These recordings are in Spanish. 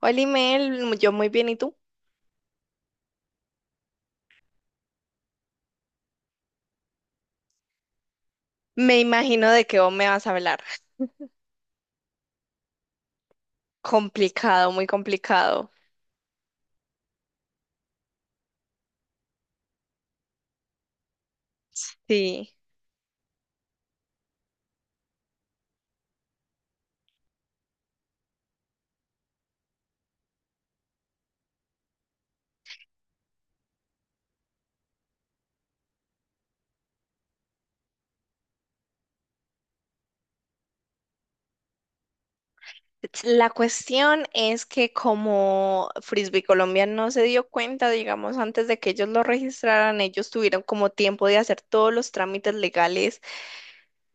Hola, Imel, yo muy bien, ¿y tú? Me imagino de qué vos me vas a hablar. Complicado, muy complicado. Sí. La cuestión es que como Frisbee Colombia no se dio cuenta, digamos, antes de que ellos lo registraran, ellos tuvieron como tiempo de hacer todos los trámites legales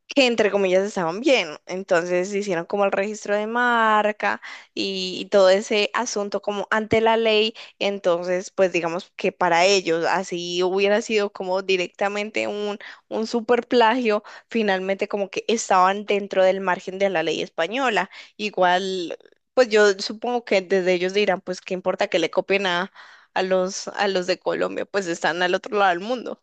que entre comillas estaban bien. Entonces hicieron como el registro de marca y todo ese asunto como ante la ley. Entonces, pues digamos que para ellos así hubiera sido como directamente un super plagio, finalmente como que estaban dentro del margen de la ley española. Igual, pues yo supongo que desde ellos dirán, pues qué importa que le copien a a los de Colombia, pues están al otro lado del mundo,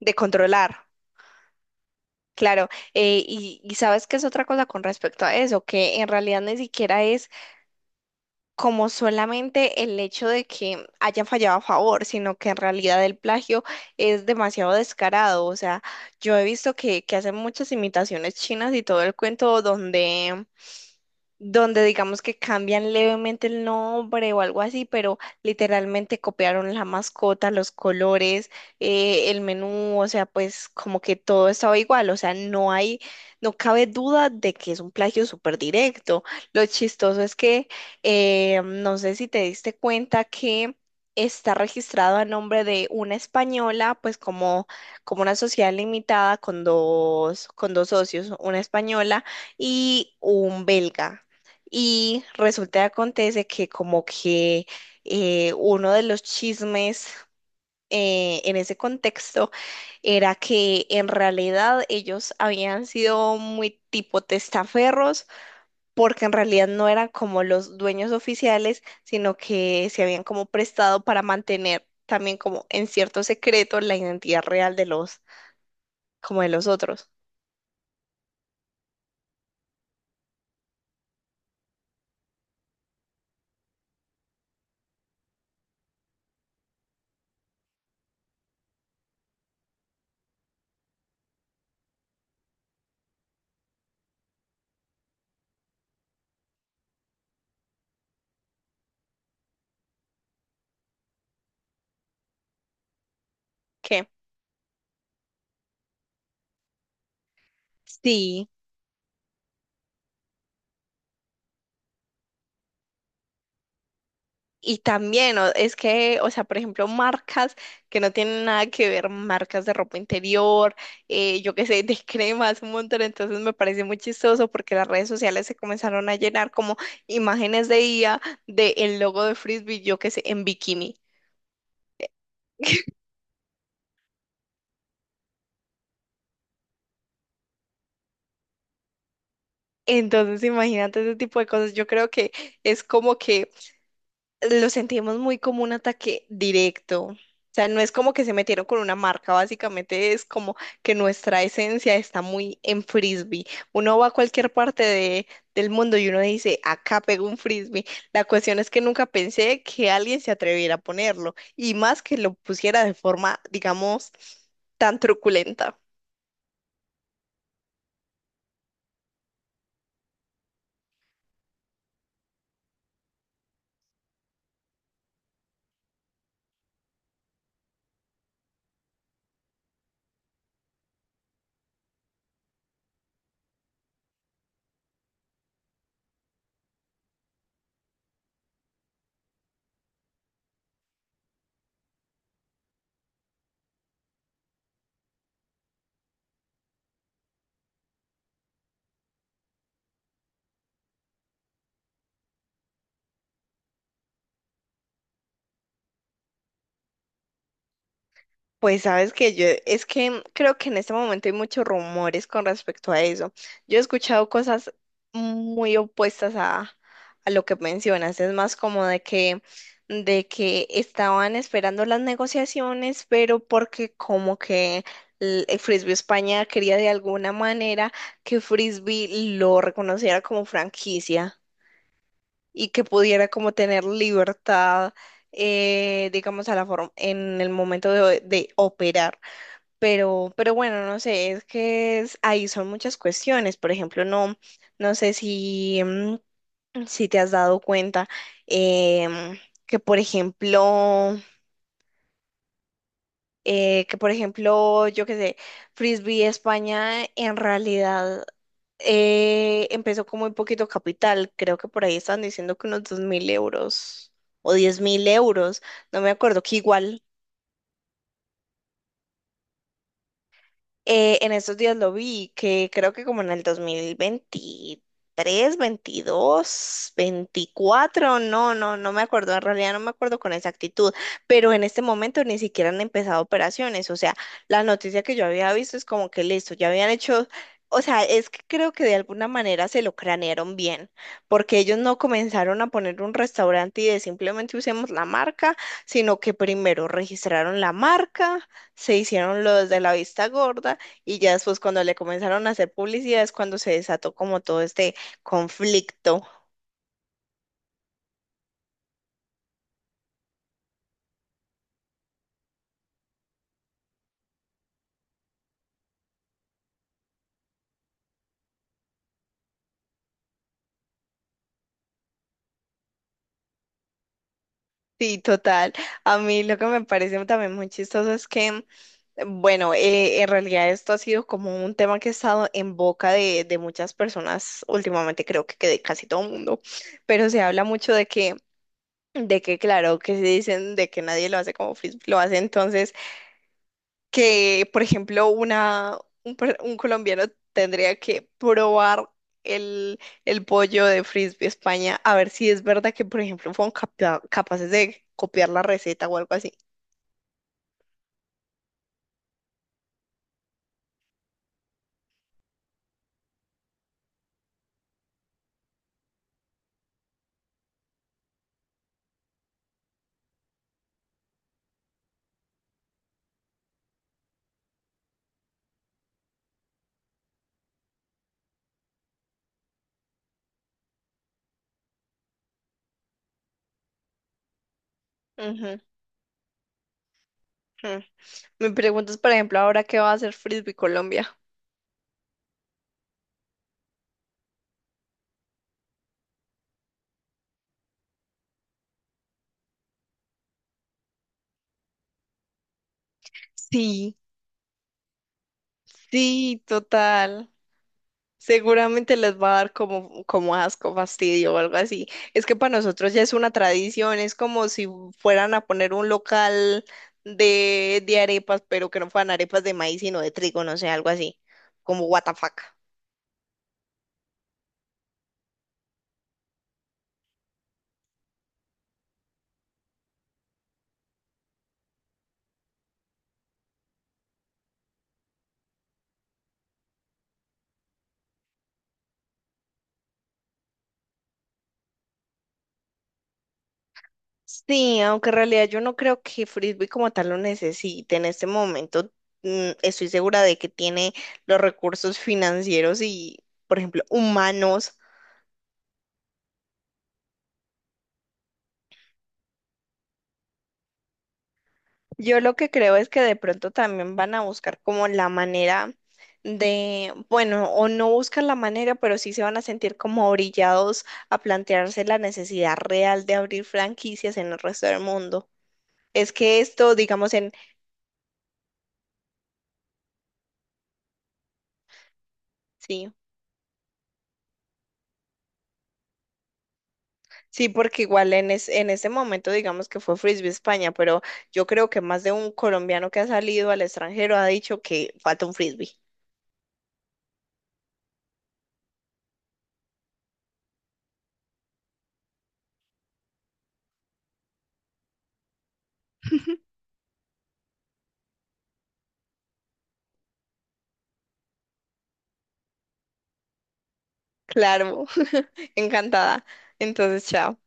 de controlar. Claro, y sabes que es otra cosa con respecto a eso, que en realidad ni siquiera es como solamente el hecho de que haya fallado a favor, sino que en realidad el plagio es demasiado descarado. O sea, yo he visto que hacen muchas imitaciones chinas y todo el cuento donde digamos que cambian levemente el nombre o algo así, pero literalmente copiaron la mascota, los colores, el menú, o sea, pues como que todo estaba igual, o sea, no cabe duda de que es un plagio súper directo. Lo chistoso es que no sé si te diste cuenta que está registrado a nombre de una española, como una sociedad limitada con con dos socios, una española y un belga. Y resulta y acontece que como que uno de los chismes en ese contexto era que en realidad ellos habían sido muy tipo testaferros, porque en realidad no eran como los dueños oficiales, sino que se habían como prestado para mantener también como en cierto secreto la identidad real de como de los otros. ¿Qué? Sí. Y también, es que, o sea, por ejemplo, marcas que no tienen nada que ver, marcas de ropa interior, yo qué sé, de cremas, un montón. Entonces me parece muy chistoso porque las redes sociales se comenzaron a llenar como imágenes de IA de el logo de Frisbee, yo qué sé, en bikini. Entonces, imagínate ese tipo de cosas. Yo creo que es como que lo sentimos muy como un ataque directo. O sea, no es como que se metieron con una marca, básicamente es como que nuestra esencia está muy en frisbee. Uno va a cualquier parte de- Del mundo y uno dice, acá pego un frisbee. La cuestión es que nunca pensé que alguien se atreviera a ponerlo y más que lo pusiera de forma, digamos, tan truculenta. Pues sabes que yo, es que creo que en este momento hay muchos rumores con respecto a eso. Yo he escuchado cosas muy opuestas a lo que mencionas. Es más como de que estaban esperando las negociaciones, pero porque como que el Frisbee España quería de alguna manera que Frisbee lo reconociera como franquicia y que pudiera como tener libertad, digamos, a la forma en el momento de operar. Pero bueno, no sé, ahí son muchas cuestiones. Por ejemplo, no sé si, si te has dado cuenta em, que, por ejemplo, yo qué sé, Frisbee España en realidad empezó con muy poquito capital. Creo que por ahí están diciendo que unos 2000 euros o 10 000 euros, no me acuerdo, que igual. En estos días lo vi, que creo que como en el 2023, 22, 24, no me acuerdo, en realidad no me acuerdo con exactitud, pero en este momento ni siquiera han empezado operaciones, o sea, la noticia que yo había visto es como que listo, ya habían hecho, o sea, es que creo que de alguna manera se lo cranearon bien, porque ellos no comenzaron a poner un restaurante y de simplemente usemos la marca, sino que primero registraron la marca, se hicieron los de la vista gorda y ya después cuando le comenzaron a hacer publicidad es cuando se desató como todo este conflicto. Sí, total. A mí lo que me parece también muy chistoso es que, bueno, en realidad esto ha sido como un tema que ha estado en boca de muchas personas últimamente, creo que de casi todo el mundo, pero se habla mucho de que claro, que se dicen de que nadie lo hace como Facebook lo hace, entonces que, por ejemplo, un colombiano tendría que probar el, el pollo de Frisbee España a ver si es verdad que, por ejemplo, fueron capaces de copiar la receta o algo así. Ujú, ujú. Me preguntas, por ejemplo, ahora qué va a hacer Frisbee Colombia. Sí, sí, total. Seguramente les va a dar como, como asco, fastidio o algo así. Es que para nosotros ya es una tradición, es como si fueran a poner un local de arepas, pero que no fueran arepas de maíz, sino de trigo, no sé, algo así, como what the fuck. Sí, aunque en realidad yo no creo que Frisbee como tal lo necesite en este momento. Estoy segura de que tiene los recursos financieros y, por ejemplo, humanos. Yo lo que creo es que de pronto también van a buscar como la manera de, bueno, o no buscan la manera, pero sí se van a sentir como orillados a plantearse la necesidad real de abrir franquicias en el resto del mundo. Es que esto, digamos, en, sí, sí, porque en ese momento, digamos que fue Frisbee España, pero yo creo que más de un colombiano que ha salido al extranjero ha dicho que falta un Frisbee. Claro, encantada. Entonces, chao.